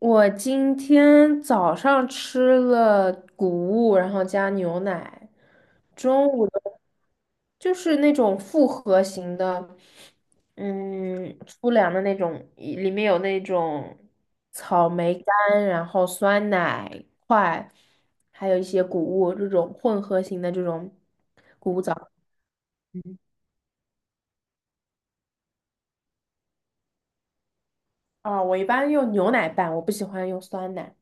我今天早上吃了谷物，然后加牛奶，中午的就是那种复合型的，粗粮的那种，一里面有那种草莓干，然后酸奶块，还有一些谷物这种混合型的这种谷物早。啊，我一般用牛奶拌，我不喜欢用酸奶。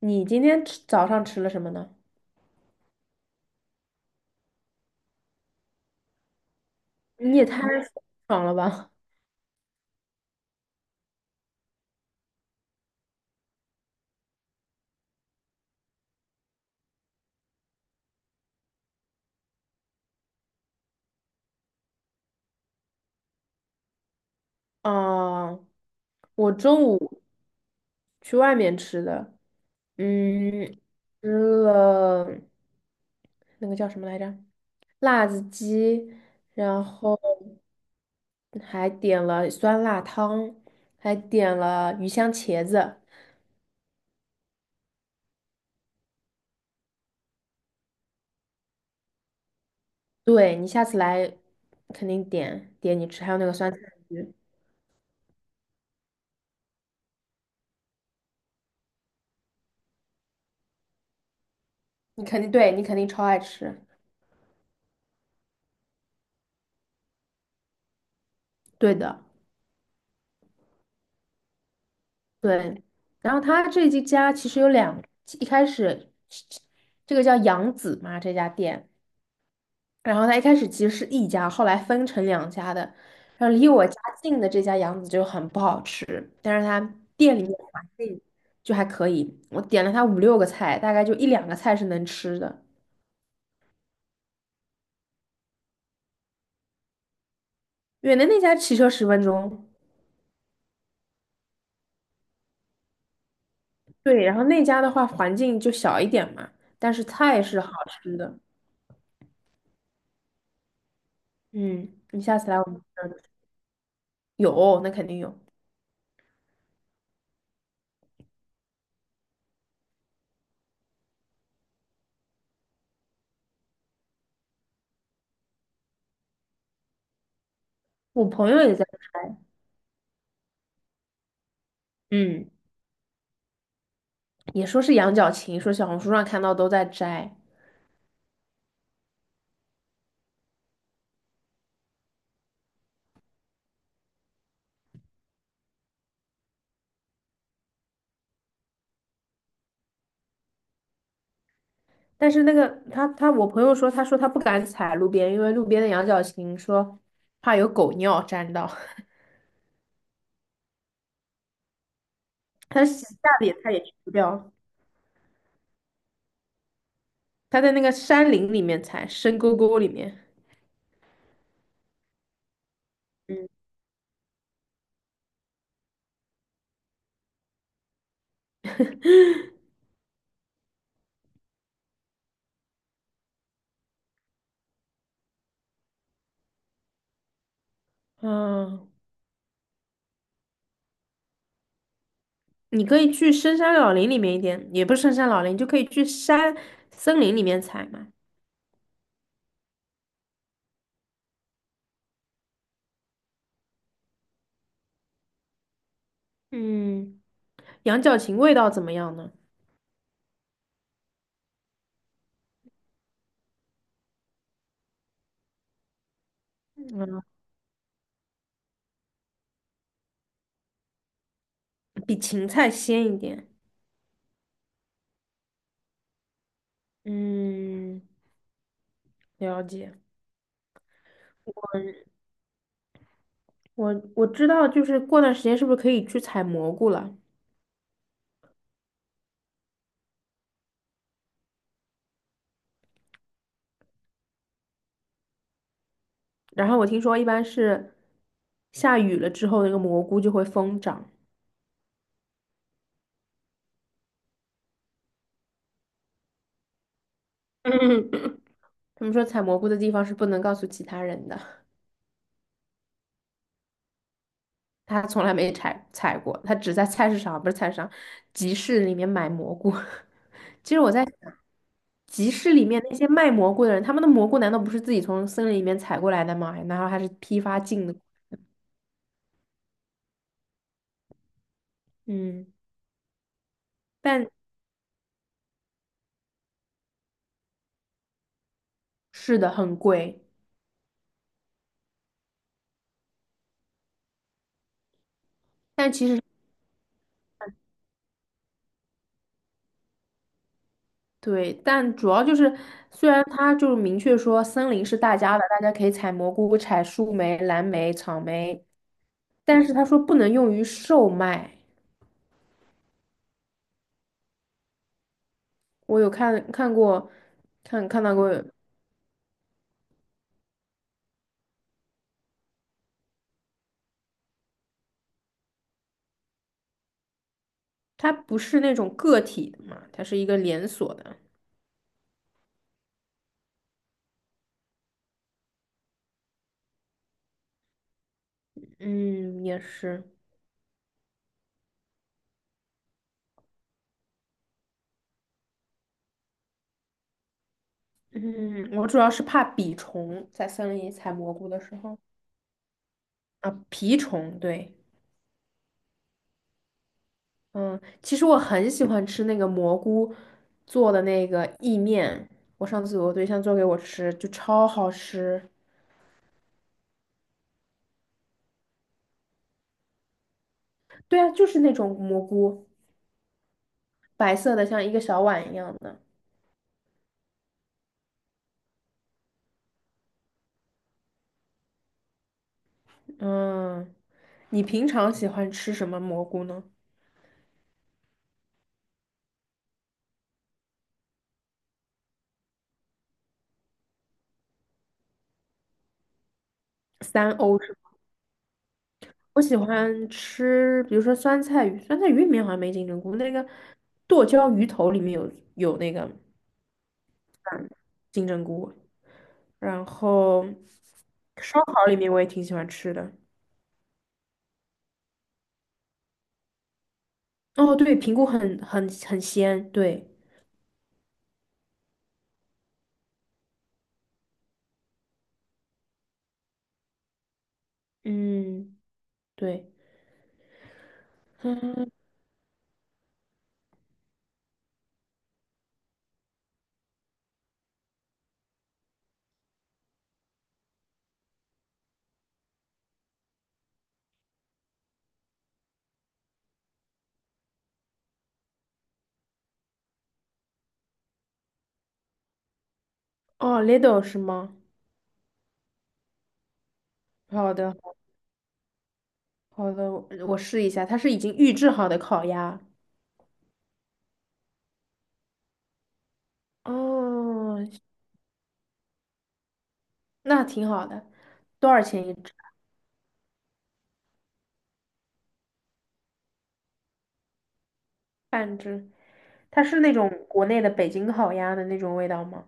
你今天吃早上吃了什么呢？你也太爽了吧！啊，我中午去外面吃的，嗯，吃了那个叫什么来着？辣子鸡，然后还点了酸辣汤，还点了鱼香茄子。对，你下次来肯定点你吃，还有那个酸菜鱼，你肯定超爱吃。对的。对，然后他这一家其实有两，一开始这个叫杨子嘛，这家店，然后他一开始其实是一家，后来分成两家的，然后离我家近的这家杨子就很不好吃，但是他店里面环境就还可以，我点了他五六个菜，大概就一两个菜是能吃的，远的那家骑车10分钟，对，然后那家的话环境就小一点嘛，但是菜是好吃的，嗯，你下次来我们有，那肯定有。我朋友也在摘，嗯，也说是羊角芹，说小红书上看到都在摘，但是那个他我朋友说，他说他不敢采路边，因为路边的羊角芹说怕有狗尿沾到，他洗下脸他也去不掉，他在那个山林里面采，深沟沟里面，嗯嗯，你可以去深山老林里面一点，也不是深山老林，就可以去山森林里面采嘛，嗯，羊角芹味道怎么样呢？嗯，比芹菜鲜一点。嗯，了解。我知道，就是过段时间是不是可以去采蘑菇了？然后我听说一般是下雨了之后，那个蘑菇就会疯长。他们说采蘑菇的地方是不能告诉其他人的，他从来没采过，他只在菜市场，不是菜市场，集市里面买蘑菇。其实我在想，集市里面那些卖蘑菇的人，他们的蘑菇难道不是自己从森林里面采过来的吗？然后还是批发进的？嗯，但是的，很贵。但其实对，但主要就是，虽然它就是明确说森林是大家的，大家可以采蘑菇、采树莓、蓝莓、草莓，但是他说不能用于售卖。我有看过，看到过，它不是那种个体的嘛，它是一个连锁的。嗯，也是。嗯，我主要是怕蜱虫，在森林里采蘑菇的时候啊，蜱虫，对。嗯，其实我很喜欢吃那个蘑菇做的那个意面，我上次我对象做给我吃，就超好吃。对啊，就是那种蘑菇，白色的，像一个小碗一样的。嗯，你平常喜欢吃什么蘑菇呢？三欧是吗？我喜欢吃，比如说酸菜鱼，酸菜鱼里面好像没金针菇，那个剁椒鱼头里面有那个金针菇，然后烧烤里面我也挺喜欢吃的。哦，对，平谷很鲜，对，嗯，对，哦 Lidl 是吗？好的，好的，我试一下，它是已经预制好的烤鸭，哦，那挺好的，多少钱一只？半只？它是那种国内的北京烤鸭的那种味道吗？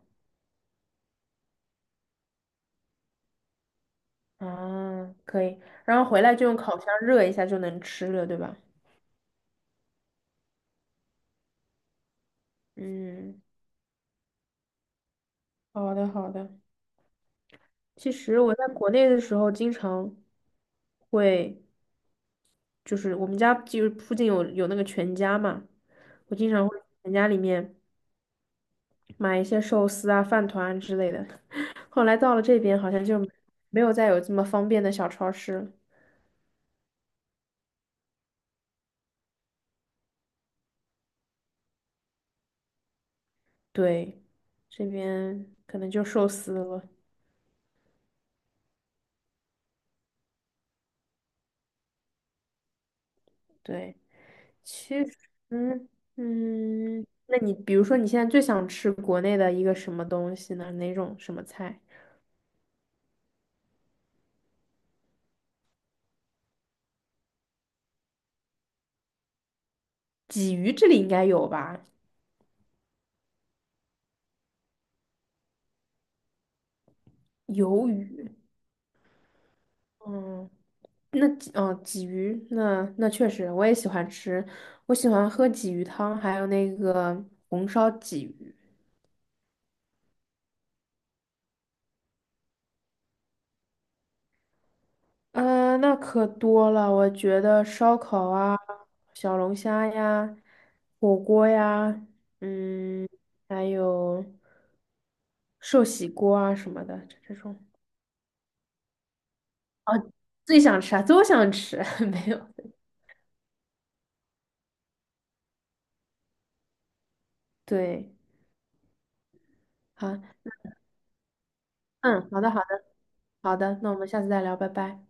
啊，可以，然后回来就用烤箱热一下就能吃了，对吧？嗯，好的，好的。其实我在国内的时候，经常会就是我们家就是附近有那个全家嘛，我经常会去全家里面买一些寿司啊、饭团啊之类的。后来到了这边，好像就没有再有这么方便的小超市了。对，这边可能就寿司了。对，其实，嗯，嗯那你比如说你现在最想吃国内的一个什么东西呢？哪种什么菜？鲫鱼这里应该有吧？鱿鱼。嗯。那鲫哦，鲫鱼，那确实，我也喜欢吃，我喜欢喝鲫鱼汤，还有那个红烧鲫鱼。呃，那可多了，我觉得烧烤啊，小龙虾呀，火锅呀，嗯，还有寿喜锅啊什么的，这种最想吃啊，都想吃，没有，对，好，嗯，好的，好的，好的，那我们下次再聊，拜拜。